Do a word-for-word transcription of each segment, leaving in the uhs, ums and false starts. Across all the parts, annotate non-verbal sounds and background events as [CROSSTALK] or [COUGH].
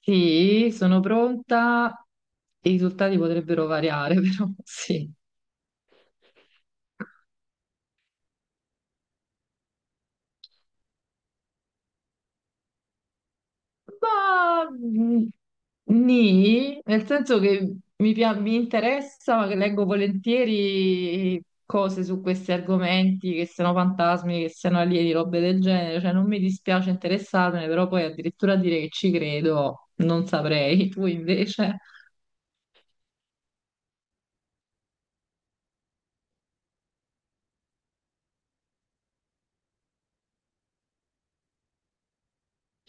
Sì, sono pronta. I risultati potrebbero variare, [LAUGHS] però sì. Ma mm, nì, nel senso che mi, pia- mi interessa, ma che leggo volentieri cose su questi argomenti, che siano fantasmi, che siano alieni, robe del genere. Cioè, non mi dispiace interessarmene, però poi addirittura dire che ci credo, non saprei. [LAUGHS] Tu invece?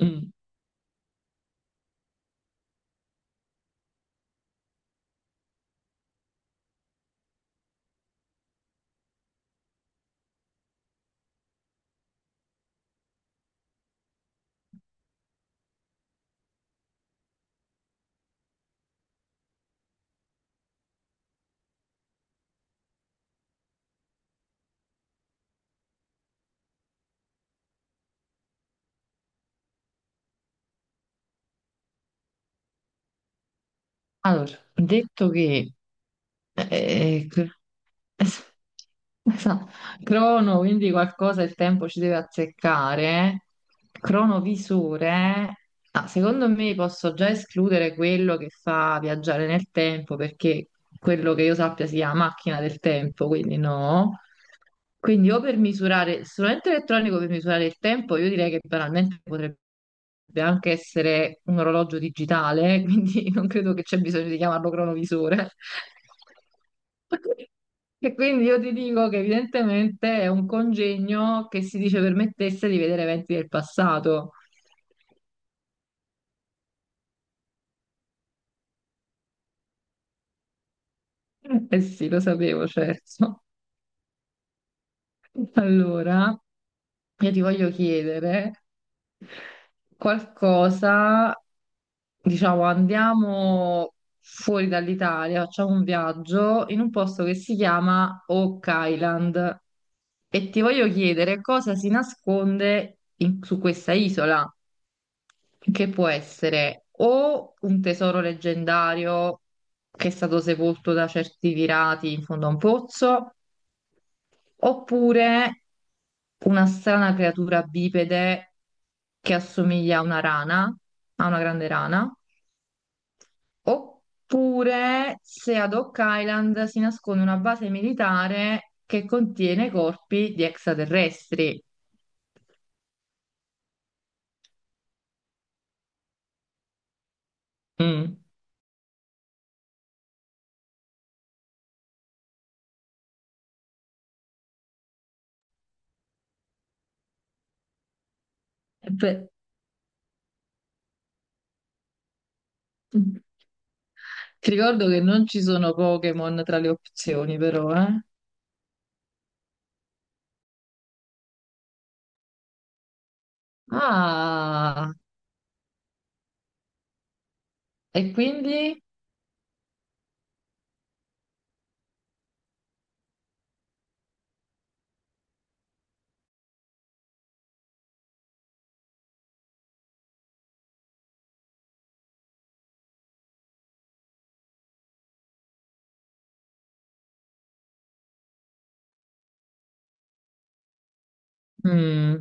Mm. Allora, detto che Eh, eh, cr- [LAUGHS] Esatto. Crono, quindi qualcosa il tempo ci deve azzeccare. Cronovisore. Ah, secondo me posso già escludere quello che fa viaggiare nel tempo, perché quello che io sappia sia macchina del tempo, quindi no. Quindi o per misurare il strumento elettronico per misurare il tempo, io direi che banalmente potrebbe anche essere un orologio digitale, quindi [LAUGHS] non credo che c'è bisogno di chiamarlo cronovisore. E quindi io ti dico che evidentemente è un congegno che si dice permettesse di vedere eventi del passato. Eh sì, lo sapevo, certo. Allora, io ti voglio chiedere qualcosa, diciamo, andiamo fuori dall'Italia, facciamo un viaggio in un posto che si chiama Oak Island e ti voglio chiedere cosa si nasconde in- su questa isola, che può essere o un tesoro leggendario che è stato sepolto da certi pirati in fondo a un pozzo, oppure una strana creatura bipede che assomiglia a una rana, a una grande rana, oppure se ad Oak Island si nasconde una base militare che contiene corpi di extraterrestri. Mm. Beh, ti ricordo che non ci sono Pokémon tra le opzioni, però, eh? Ah, e quindi? Mm,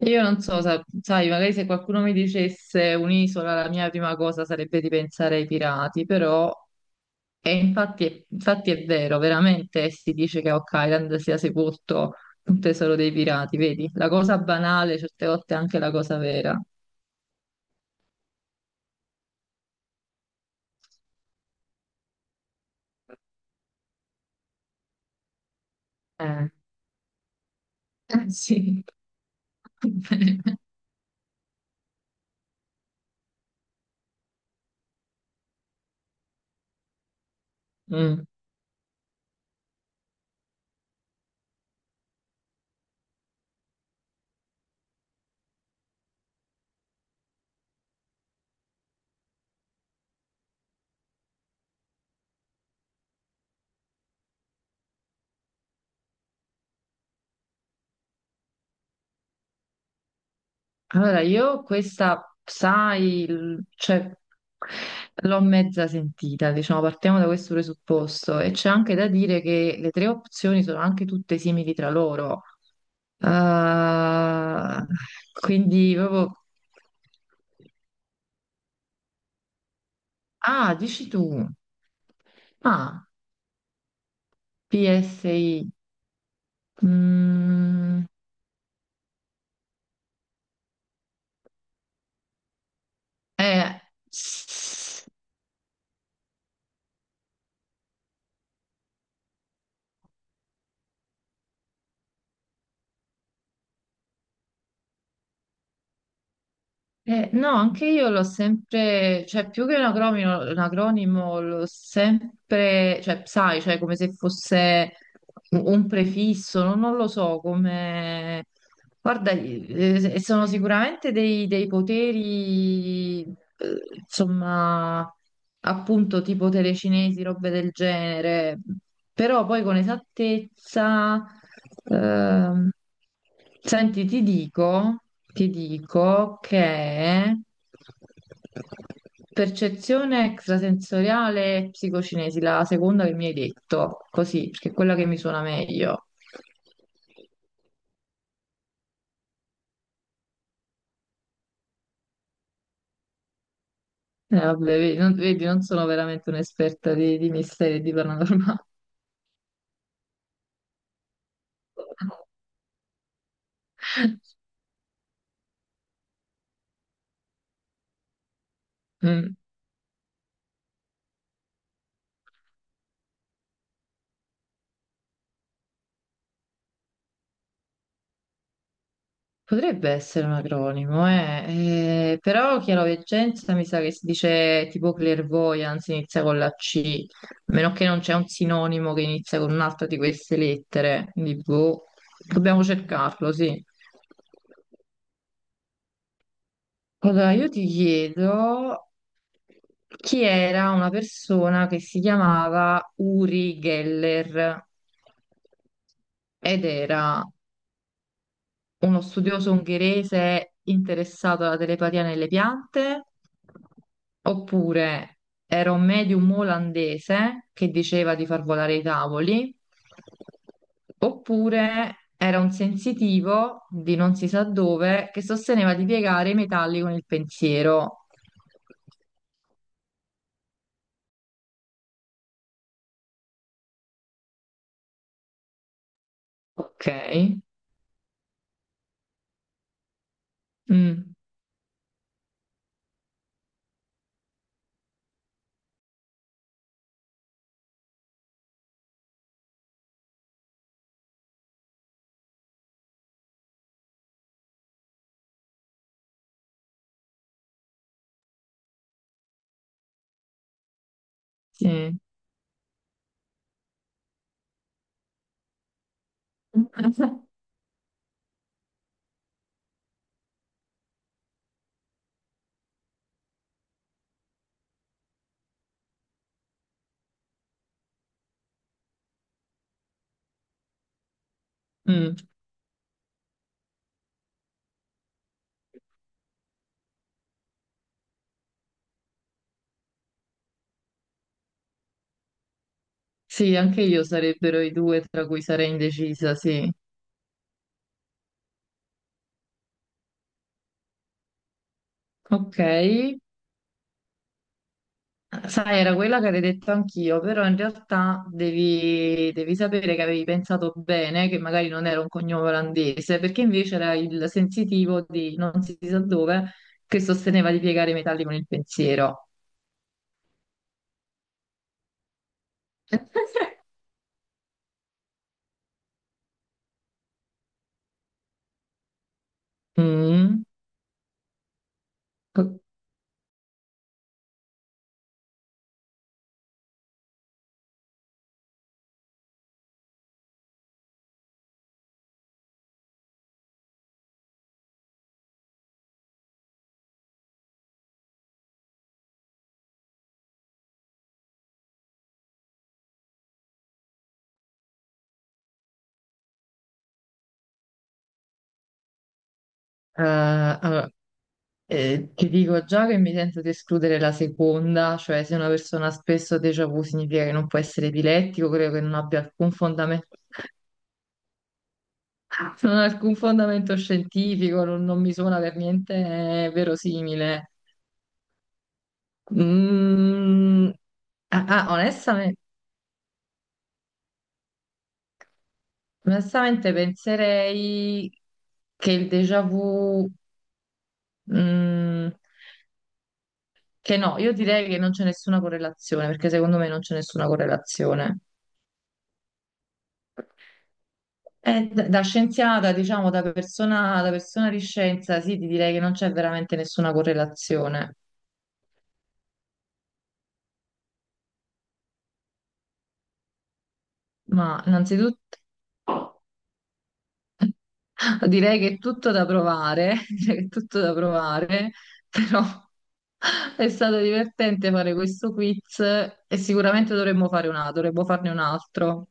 io non so, sa- sai, magari se qualcuno mi dicesse un'isola, la mia prima cosa sarebbe di pensare ai pirati, però, e infatti, infatti è vero, veramente si dice che a Oak Island sia sepolto un tesoro dei pirati, vedi? La cosa banale, certe volte è anche la cosa vera. Eh, Eh, sì. [LAUGHS] Mm. Allora, io questa, sai, il- cioè, l'ho mezza sentita, diciamo, partiamo da questo presupposto e c'è anche da dire che le tre opzioni sono anche tutte simili tra loro. Ah, quindi proprio... Ah, dici tu. Ah, P S I. Mm, eh, eh, no, anche io l'ho sempre, cioè più che un acronimo, un acronimo l'ho sempre, cioè sai, cioè come se fosse un un prefisso, non, non lo so, come... Guarda, eh, sono sicuramente dei, dei poteri, eh, insomma, appunto tipo telecinesi, robe del genere, però poi con esattezza... ehm, senti, ti dico, ti dico che percezione extrasensoriale e psicocinesi, la seconda che mi hai detto, così, perché è quella che mi suona meglio. Eh, vabbè, vedi, non, vedi, non sono veramente un'esperta di, di misteri e di paranormale. [LAUGHS] Mm. Potrebbe essere un acronimo, eh. Eh, però chiaroveggenza mi sa che si dice tipo clairvoyance, inizia con la C, a meno che non c'è un sinonimo che inizia con un'altra di queste lettere, quindi boh, dobbiamo cercarlo, sì. Allora, io ti chiedo chi era una persona che si chiamava Uri Geller ed era uno studioso ungherese interessato alla telepatia nelle piante, oppure era un medium olandese che diceva di far volare i tavoli, oppure era un sensitivo di non si sa dove che sosteneva di piegare i metalli con il pensiero. Ok. Mm, sì. [LAUGHS] Mm, sì, anche io sarebbero i due tra cui sarei indecisa, sì. Ok. Sai, era quella che avevo detto anch'io, però in realtà devi, devi sapere che avevi pensato bene, che magari non era un cognome olandese, perché invece era il sensitivo di non si sa dove che sosteneva di piegare i metalli con il pensiero. [LAUGHS] Mm. Co- eh, allora, eh, ti dico già che mi sento di escludere la seconda, cioè se una persona spesso ha déjà vu significa che non può essere epilettico, credo che non abbia alcun fondamento. Non ha alcun fondamento scientifico, non, non mi suona per niente eh, verosimile. Mm, ah, ah, onestamente, onestamente penserei che il déjà vu, mm, che no, io direi che non c'è nessuna correlazione, perché secondo me non c'è nessuna correlazione. Eh, da, da scienziata, diciamo, da persona, da persona di scienza, sì, ti direi che non c'è veramente nessuna correlazione. Ma innanzitutto. [LAUGHS] Direi che è tutto da provare, [LAUGHS] direi che è tutto da provare, però [LAUGHS] è stato divertente fare questo quiz e sicuramente dovremmo fare un altro, dovremmo farne un altro.